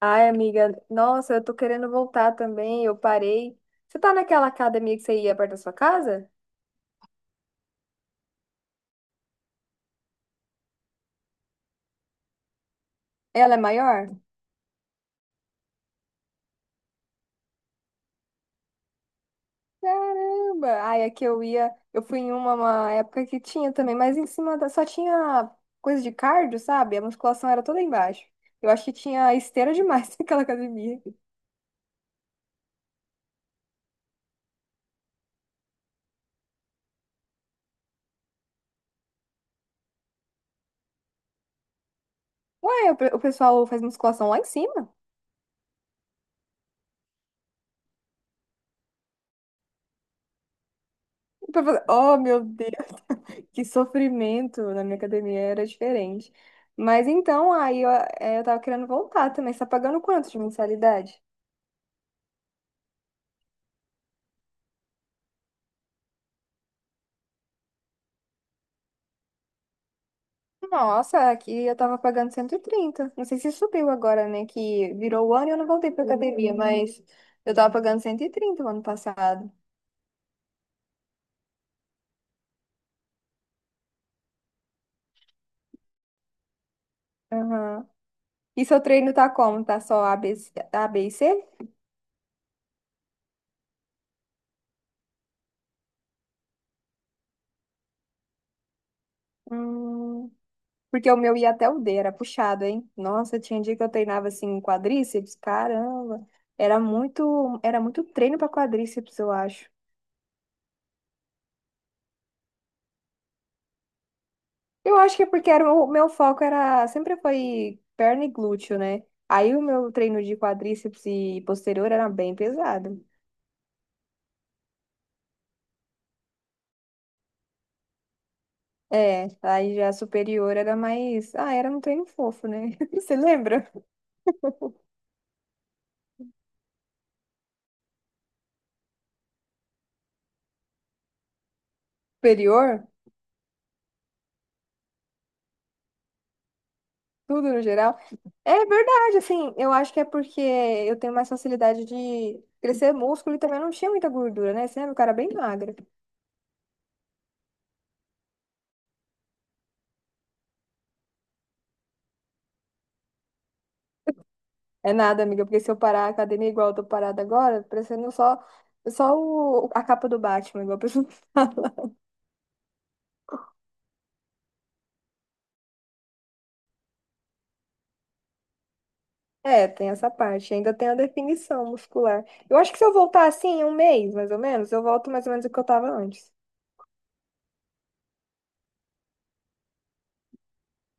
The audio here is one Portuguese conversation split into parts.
Ai, amiga, nossa, eu tô querendo voltar também, eu parei. Você tá naquela academia que você ia perto da sua casa? Ela é maior? Caramba! Ai, aqui eu fui em uma época que tinha também, mas só tinha coisa de cardio, sabe? A musculação era toda embaixo. Eu acho que tinha esteira demais naquela academia. Ué, o pessoal faz musculação lá em cima? Oh, meu Deus! Que sofrimento, na minha academia era diferente. Mas então, aí eu tava querendo voltar também. Você tá pagando quanto de mensalidade? Nossa, aqui eu tava pagando 130. Não sei se subiu agora, né? Que virou o ano e eu não voltei pra academia, mas eu tava pagando 130 o ano passado. Aham. E seu treino tá como? Tá só A, B e C? Hum. Porque o meu ia até o D, era puxado, hein? Nossa, tinha dia que eu treinava assim quadríceps, caramba. Era muito treino para quadríceps, eu acho. Eu acho que é porque o meu foco era sempre foi perna e glúteo, né? Aí o meu treino de quadríceps e posterior era bem pesado. É, aí já superior era um treino fofo, né? Você lembra? Superior, tudo no geral. É verdade, assim, eu acho que é porque eu tenho mais facilidade de crescer músculo e também não tinha muita gordura, né? Você era um cara é bem magro. É nada, amiga, porque se eu parar a academia igual eu tô parada agora, parecendo só a capa do Batman, igual a pessoa fala. É, tem essa parte, ainda tem a definição muscular. Eu acho que se eu voltar assim, em um mês, mais ou menos, eu volto mais ou menos o que eu tava antes.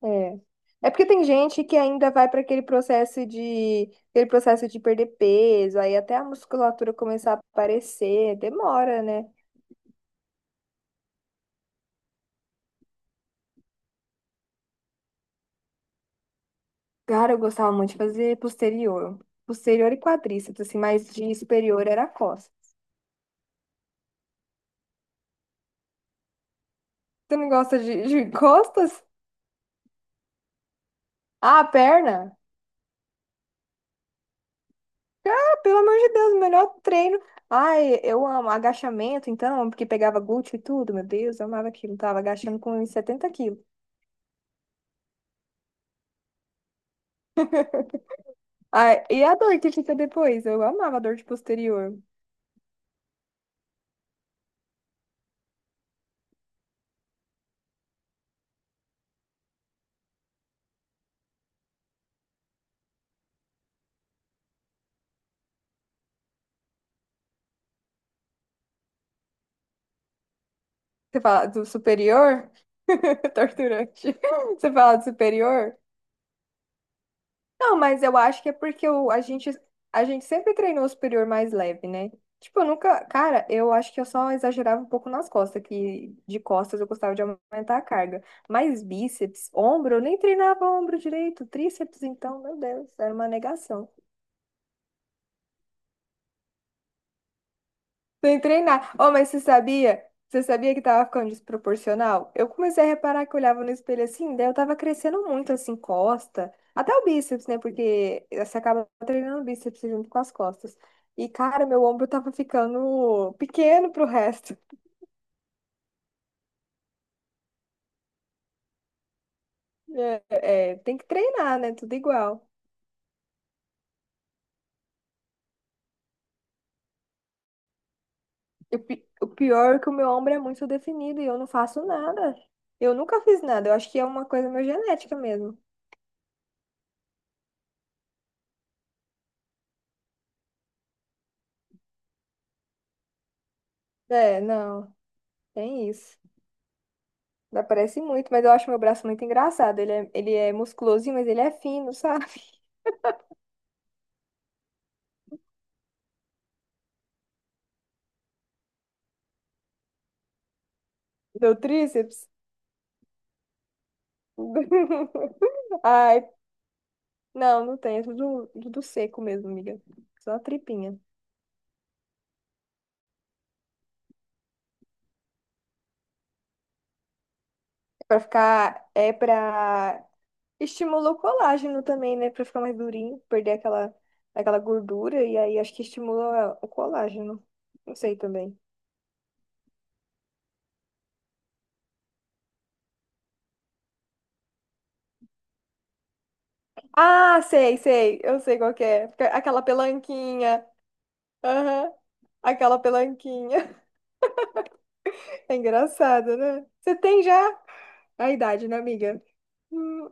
É. É porque tem gente que ainda vai para aquele processo de perder peso, aí até a musculatura começar a aparecer, demora, né? Cara, eu gostava muito de fazer posterior. Posterior e quadríceps, assim, mas de superior era costas. Tu não gosta de costas? Ah, perna? Ah, pelo amor de Deus, o melhor treino. Ai, eu amo agachamento, então, porque pegava glúteo e tudo, meu Deus, eu amava aquilo. Tava agachando com uns 70 quilos. Ai, e a dor que fica depois? Eu amava a dor de posterior. Você fala do superior? Torturante. Você fala do superior? Não, mas eu acho que é porque a gente sempre treinou o superior mais leve, né? Tipo, eu nunca. Cara, eu acho que eu só exagerava um pouco nas costas, que de costas eu gostava de aumentar a carga. Mas bíceps, ombro, eu nem treinava ombro direito. Tríceps, então, meu Deus, era uma negação. Sem treinar. Oh, mas você sabia? Você sabia que tava ficando desproporcional? Eu comecei a reparar que eu olhava no espelho assim, daí eu tava crescendo muito, assim, costa. Até o bíceps, né? Porque você acaba treinando o bíceps junto com as costas. E, cara, meu ombro tava ficando pequeno pro resto. É, é, tem que treinar, né? Tudo igual. E o pior é que o meu ombro é muito definido e eu não faço nada. Eu nunca fiz nada. Eu acho que é uma coisa meio genética mesmo. É, não. Tem isso. Não parece muito, mas eu acho meu braço muito engraçado. Ele é musculosinho, mas ele é fino, sabe? Do tríceps. Ai, não, não tem. É tudo, tudo seco mesmo, amiga. Só a tripinha. É pra ficar. É pra. Estimula o colágeno também, né? Pra ficar mais durinho, perder aquela gordura. E aí acho que estimula o colágeno. Não sei também. Ah, sei, sei. Eu sei qual que é. Fica aquela pelanquinha. Aham. Aquela pelanquinha. É engraçado, né? Você tem já a idade, né, amiga? Hum.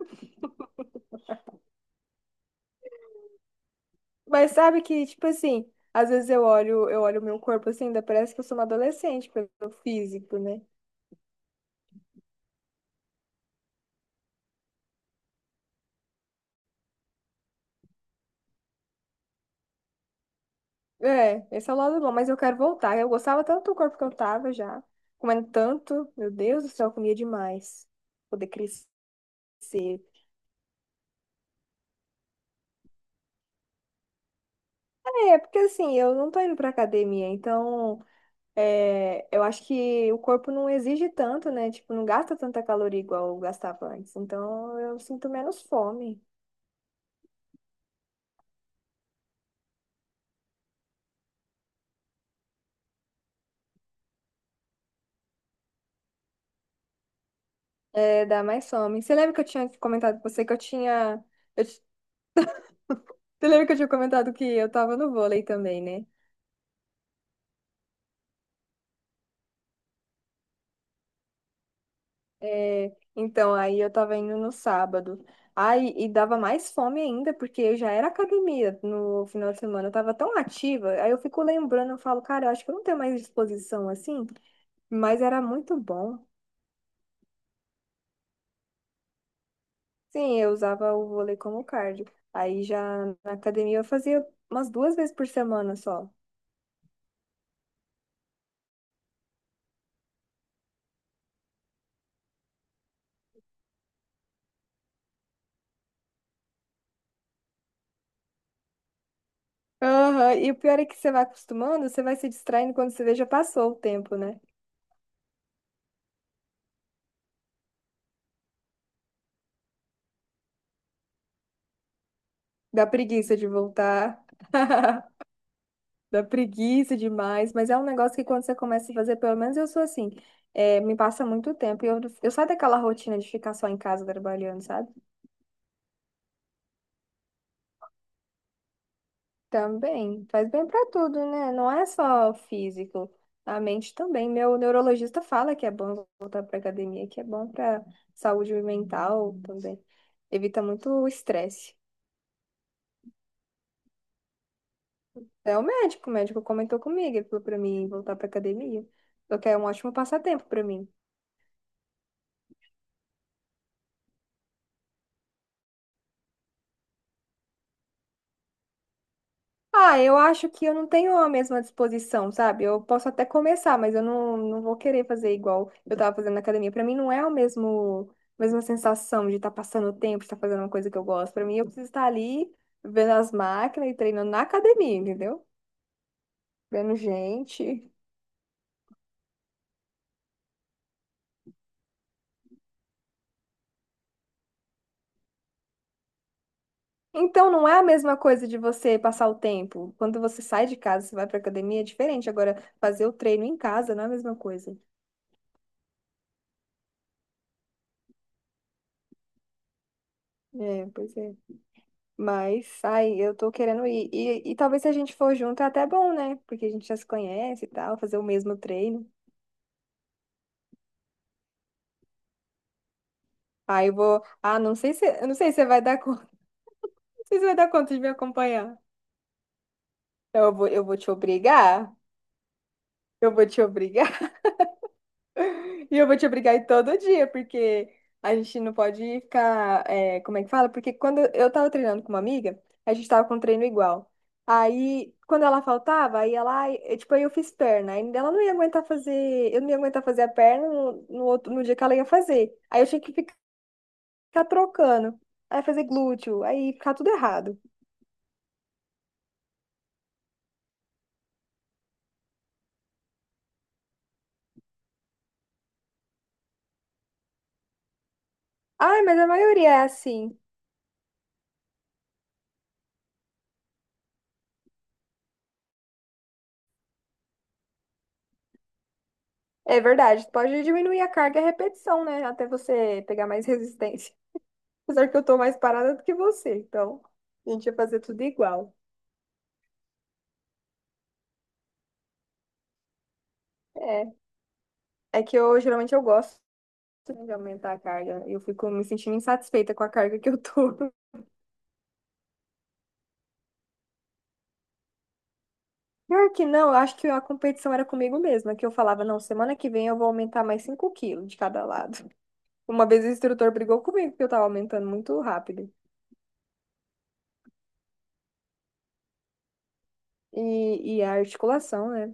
Mas sabe que, tipo assim, às vezes eu olho o meu corpo assim, ainda parece que eu sou uma adolescente pelo físico, né? É, esse é o lado bom, mas eu quero voltar. Eu gostava tanto do corpo que eu tava já, comendo tanto, meu Deus do céu, eu comia demais. Poder crescer. É, porque assim, eu não tô indo pra academia, então. É, eu acho que o corpo não exige tanto, né? Tipo, não gasta tanta caloria igual gastava antes. Então, eu sinto menos fome. É, dá mais fome. Você lembra que eu tinha comentado com você que eu tinha... Eu, ti- você lembra que eu tinha comentado que eu tava no vôlei também, né? É, então, aí eu tava indo no sábado. Aí, e dava mais fome ainda, porque eu já era academia no final de semana. Eu tava tão ativa. Aí eu fico lembrando, eu falo, cara, eu acho que eu não tenho mais disposição assim. Mas era muito bom. Sim, eu usava o vôlei como cardio. Aí já na academia eu fazia umas 2 vezes por semana só. Aham. E o pior é que você vai acostumando, você vai se distraindo quando você vê já passou o tempo, né? Dá preguiça de voltar. Dá preguiça demais, mas é um negócio que quando você começa a fazer, pelo menos eu sou assim, é, me passa muito tempo. E eu saio daquela rotina de ficar só em casa trabalhando, sabe? Também, faz bem pra tudo, né? Não é só físico, a mente também. Meu neurologista fala que é bom voltar pra academia, que é bom pra saúde mental também. Evita muito o estresse. É o médico, comentou comigo, ele falou pra mim voltar pra academia. O que é um ótimo passatempo pra mim. Ah, eu acho que eu não tenho a mesma disposição, sabe? Eu posso até começar, mas eu não, não vou querer fazer igual eu tava fazendo na academia. Pra mim não é o mesmo, a mesma sensação de estar passando o tempo, de estar fazendo uma coisa que eu gosto. Pra mim eu preciso estar ali vendo as máquinas e treinando na academia, entendeu? Vendo gente. Então não é a mesma coisa de você passar o tempo. Quando você sai de casa, você vai pra academia, é diferente. Agora, fazer o treino em casa não é a mesma coisa. É, pois é. Mas, ai, eu tô querendo ir. E talvez se a gente for junto é até bom, né? Porque a gente já se conhece e tal, fazer o mesmo treino. Aí eu vou. Ah, não sei se, eu não sei se você vai dar conta. Não sei se você vai dar conta de me acompanhar. Então eu vou te obrigar. Eu vou te obrigar. E eu vou te obrigar a ir todo dia, porque a gente não pode ficar. É, como é que fala? Porque quando eu tava treinando com uma amiga, a gente tava com um treino igual. Aí, quando ela faltava, ai, eu, tipo, aí eu fiz perna. Aí ela não ia aguentar fazer, eu não ia aguentar fazer a perna no no dia que ela ia fazer. Aí eu tinha que ficar trocando. Aí fazer glúteo, aí ficar tudo errado. Ai, mas a maioria é assim. É verdade, pode diminuir a carga e a repetição, né? Até você pegar mais resistência. Apesar que eu tô mais parada do que você, então a gente ia fazer tudo igual. É, é que eu geralmente eu gosto de aumentar a carga. Eu fico me sentindo insatisfeita com a carga que eu tô. Pior que não, eu acho que a competição era comigo mesma, que eu falava, não, semana que vem eu vou aumentar mais 5 quilos de cada lado. Uma vez o instrutor brigou comigo porque eu tava aumentando muito rápido. E a articulação, né?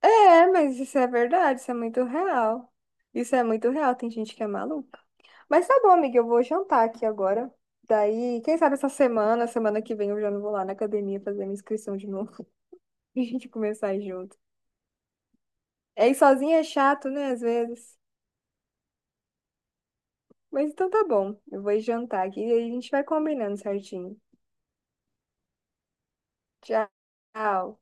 É, mas isso é verdade, isso é muito real. Isso é muito real, tem gente que é maluca. Mas tá bom, amiga, eu vou jantar aqui agora. Daí, quem sabe essa semana, semana que vem eu já não vou lá na academia fazer minha inscrição de novo. E a gente começar a ir junto. É, ir sozinha é chato, né, às vezes. Mas então tá bom, eu vou ir jantar aqui e aí a gente vai combinando certinho. Tchau.